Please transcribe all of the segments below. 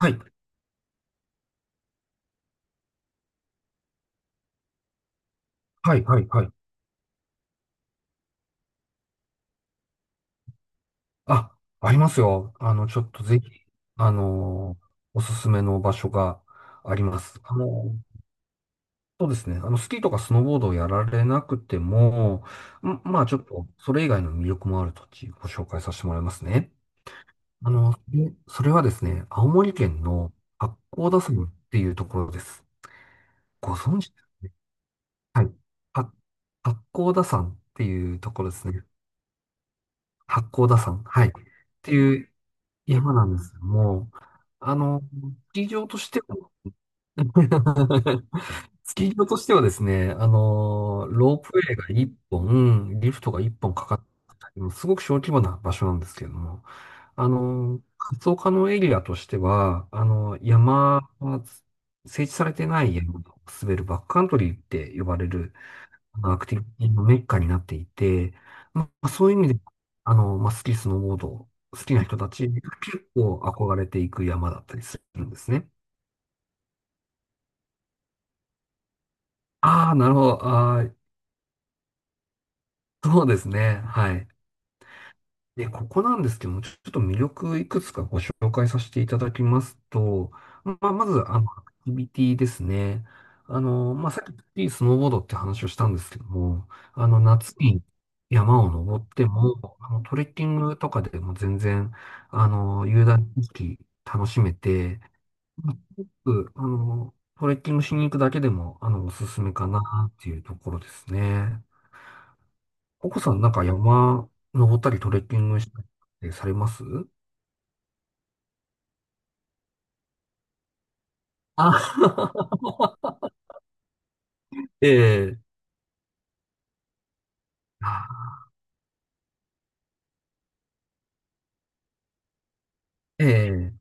はい、はい、はい、はい。あ、ありますよ。ちょっとぜひ、あのーおすすめの場所があります。そうですね。スキーとかスノーボードをやられなくても、まあ、ちょっと、それ以外の魅力もある土地、ご紹介させてもらいますね。でそれはですね、青森県の八甲田山っていうところです。ご存知ですね。はい。は八甲田山っていうところですね。八甲田山。はい。っていう、山なんですよ。もう、あの、スキー場としては スキー場としてはですね、ロープウェイが1本、リフトが1本かかったりも、すごく小規模な場所なんですけれども、活動可能エリアとしては、山、整地されてない山を滑るバックカントリーって呼ばれるアクティビティのメッカになっていて、まあ、そういう意味で、まあ、スキー、スノーボード、好きな人たち、結構憧れていく山だったりするんですね。ああ、なるほど。ああ、そうですね。はい。で、ここなんですけども、ちょっと魅力いくつかご紹介させていただきますと、まあ、まず、アクティビティですね。まあ、さっきスノーボードって話をしたんですけども、夏に山を登っても、トレッキングとかでも全然、雄大な景色楽しめて、うんあの、トレッキングしに行くだけでも、おすすめかなっていうところですね。ココさん、なんか山登ったりトレッキングしたりってされます？あ、ええ、あええ、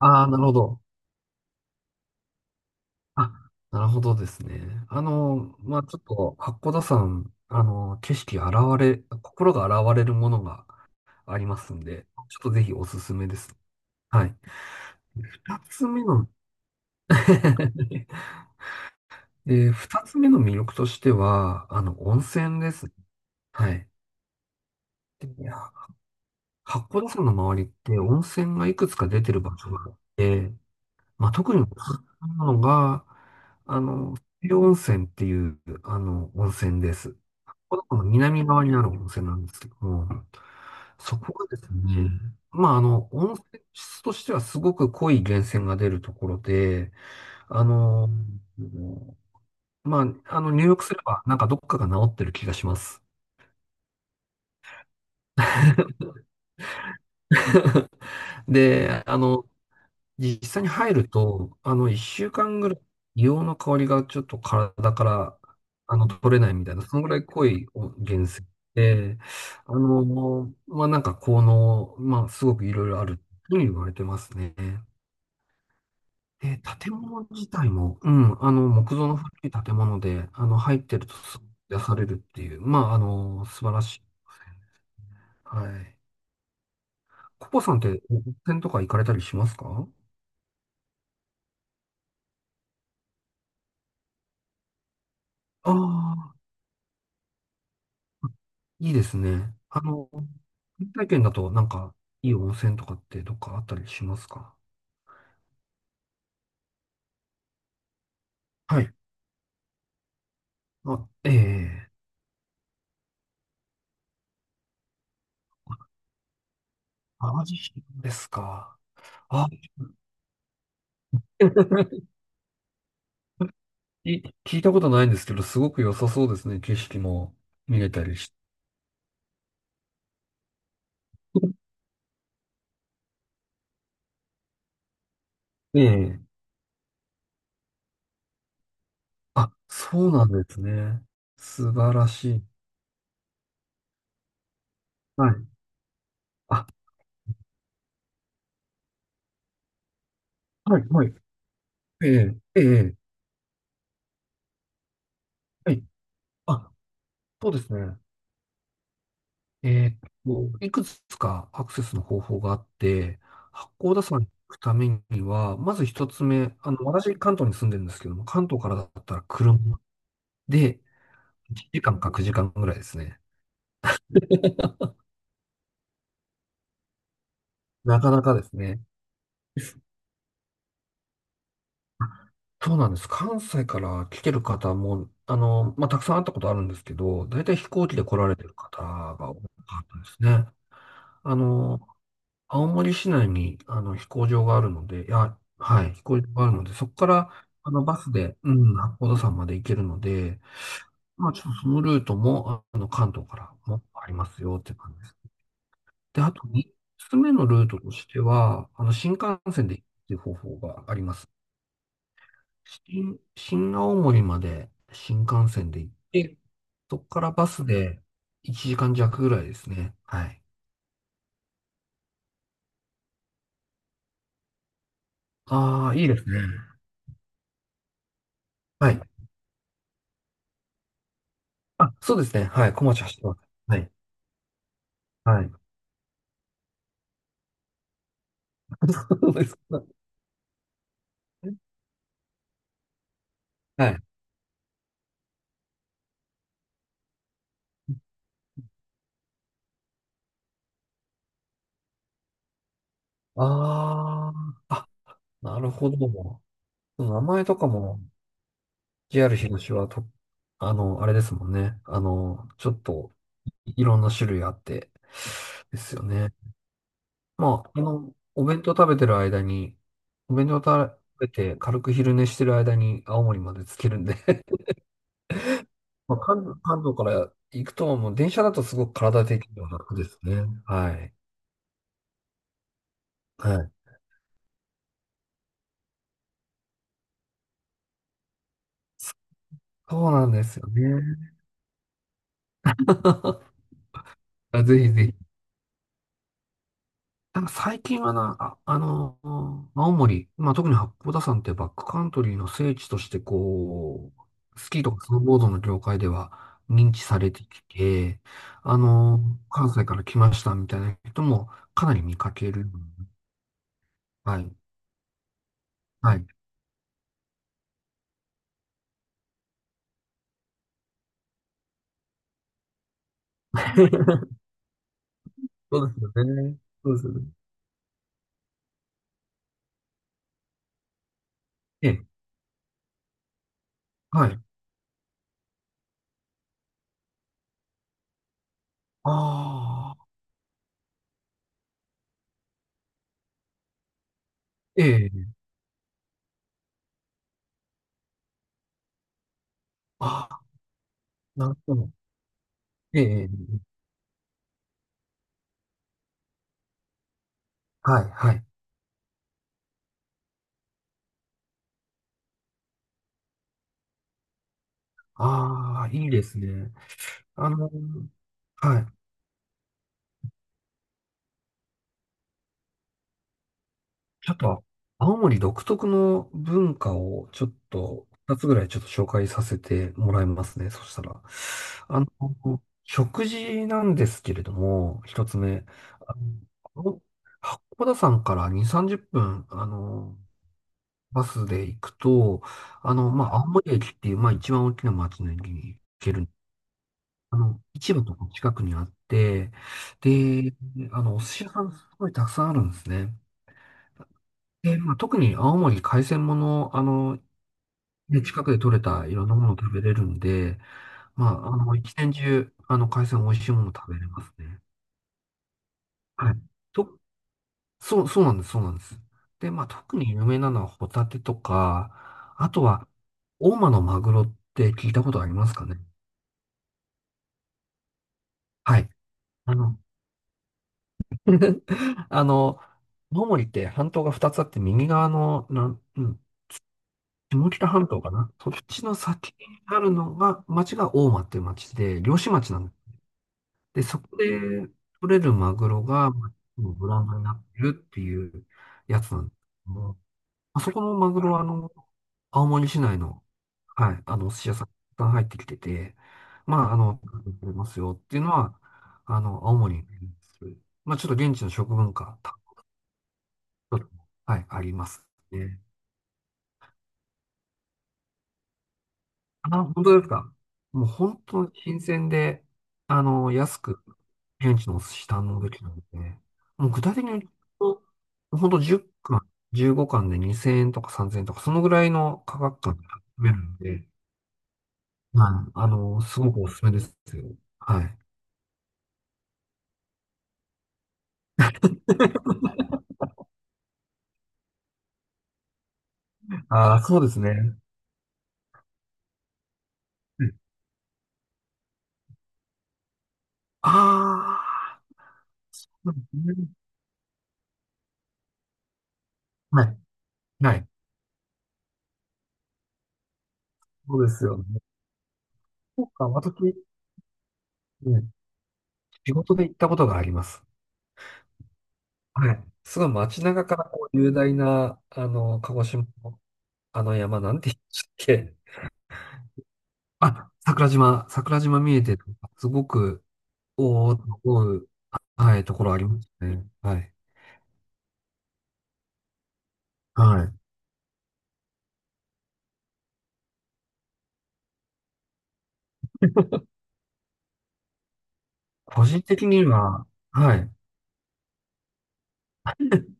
ああ、なるほど。あ、なるほどですね。まあ、ちょっと、八甲田山、あの、景色現れ、心が現れるものがありますんで、ちょっとぜひおすすめです。はい。二つ目の で、二つ目の魅力としては、温泉ですね。はい。で、いや、八甲田山の周りって温泉がいくつか出てる場所があって、まあ、特におすすめなのが、あの、西温泉っていう、温泉です。この南側にある温泉なんですけども、そこがですね、まあ、温泉質としてはすごく濃い源泉が出るところで、あの、入浴すればなんかどっかが治ってる気がします。で、実際に入ると、一週間ぐらい、硫黄の香りがちょっと体から、取れないみたいな、そのぐらい濃いお源泉で、まあ、なんか効能、まあ、すごくいろいろあるというふうに言われてますね。で、建物自体も、うん、木造の古い建物で、入ってるとすごく癒されるっていう、まあ、素晴らしい。はい。コポさんって、温泉とか行かれたりしますか？ああ、いいですね。原体験だとなんか、いい温泉とかってどっかあったりしますか？はい。あ、ええ、淡路島ですか？あ、聞いたことないんですけど、すごく良さそうですね。景色も見れたりし て。ええ、あ、そうなんですね。素晴らしい。はい。あ、はい、はい。ええええはい。あ、そうですね。えーっいくつかアクセスの方法があって、八甲田山に行くためには、まず一つ目、私、関東に住んでるんですけども、関東からだったら車で1時間か9時間ぐらいですね。なかなかですね。そうなんです。関西から来てる方も、まあ、たくさん会ったことあるんですけど、大体飛行機で来られてる方が多かったですね。あの、青森市内に、飛行場があるので、いや、はい、飛行場があるので、そこから、バスで、うん、八甲田山まで行けるので、まあ、ちょっとそのルートも、関東からもありますよって感じです。で、あと3つ目のルートとしては、新幹線で行くっていう方法があります。新青森まで新幹線で行って、そこからバスで1時間弱ぐらいですね。はい。ああ、いいですね。はい。あ、そうですね。はい。小町走ってます。はい。はい。そうですか。はい。ああ、あ、なるほど。名前とかも JR 東はと、あれですもんね。ちょっといろんな種類あって、ですよね。まあ、お弁当食べて軽く昼寝してる間に青森まで着けるんで まあ、関東から行くと、もう電車だとすごく体的には楽ですね。はい。はい。そうなんですよね。あ、ぜひぜひ。ただ最近はな、あ、青森、まあ、特に八甲田山ってバックカントリーの聖地として、こう、スキーとかスノーボードの業界では認知されてきて、関西から来ましたみたいな人もかなり見かけるように。はい。はい。そうですよね。そうですよね。ええ。はい。ああ、ええ。ああ、なるほど。ええ。はい。はい。ああ、いいですね。あの、はい。ちょっと、青森独特の文化をちょっと、二つぐらいちょっと紹介させてもらいますね。そしたら。あ食事なんですけれども、一つ目。あの、八甲田山から2、30分、バスで行くと、まあ、青森駅っていう、まあ、一番大きな町の駅に行ける。市場とか近くにあって、で、お寿司屋さんすごいたくさんあるんですね。でまあ、特に青森海鮮もの、近くで取れたいろんなものを食べれるんで、まあ、一年中、海鮮美味しいもの食べれますね。はい。と、そう、そうなんです、そうなんです。で、まあ、特に有名なのはホタテとか、あとは、大間のマグロって聞いたことありますかね？はい。あの、あの、青森って半島が2つあって、右側の、うん、下北半島かな。そっちの先にあるのが、町が大間っていう町で、漁師町なんです、でそこで取れるマグロが、まあのブランドになってるっていうやつなんですけども、まあそこのマグロは、青森市内の、はい、お寿司屋さんが入ってきてて、まあ、取れますよっていうのは、青森に、まあ、ちょっと現地の食文化、はい、ありますね。あ、本当ですか？もう本当に新鮮で、安く、現地のお寿司堪能できるので、もう具体的に言うと、本当10貫、15貫で2000円とか3000円とか、そのぐらいの価格感で楽しめるので、はい、すごくおすすめですよ。はい。ああ、そうですね。あああ、そうですね。はい。はい。そうですよね。そうか、私、うん仕事で行ったことがあります。はい。すごい街中からこう雄大な、鹿児島のあの山、なんて言うんでしたっけ？ あ、桜島、桜島見えてる、すごく、おおと思う、はい、ところありますね。はい。はい。個人的には、はい。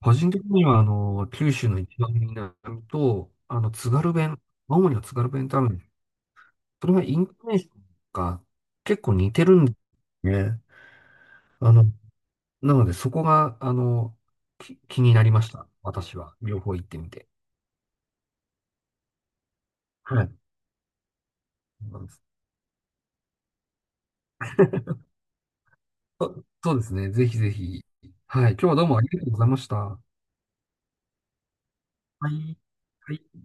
個人的には、九州の一番南と、津軽弁、青森の津軽弁ってあるんです。それがイントネーションが結構似てるんですね。あの、なので、そこが、気になりました。私は。両方行ってみて。はい。そうなんです。そうですね。ぜひぜひ。はい。今日はどうもありがとうございました。はい。はい。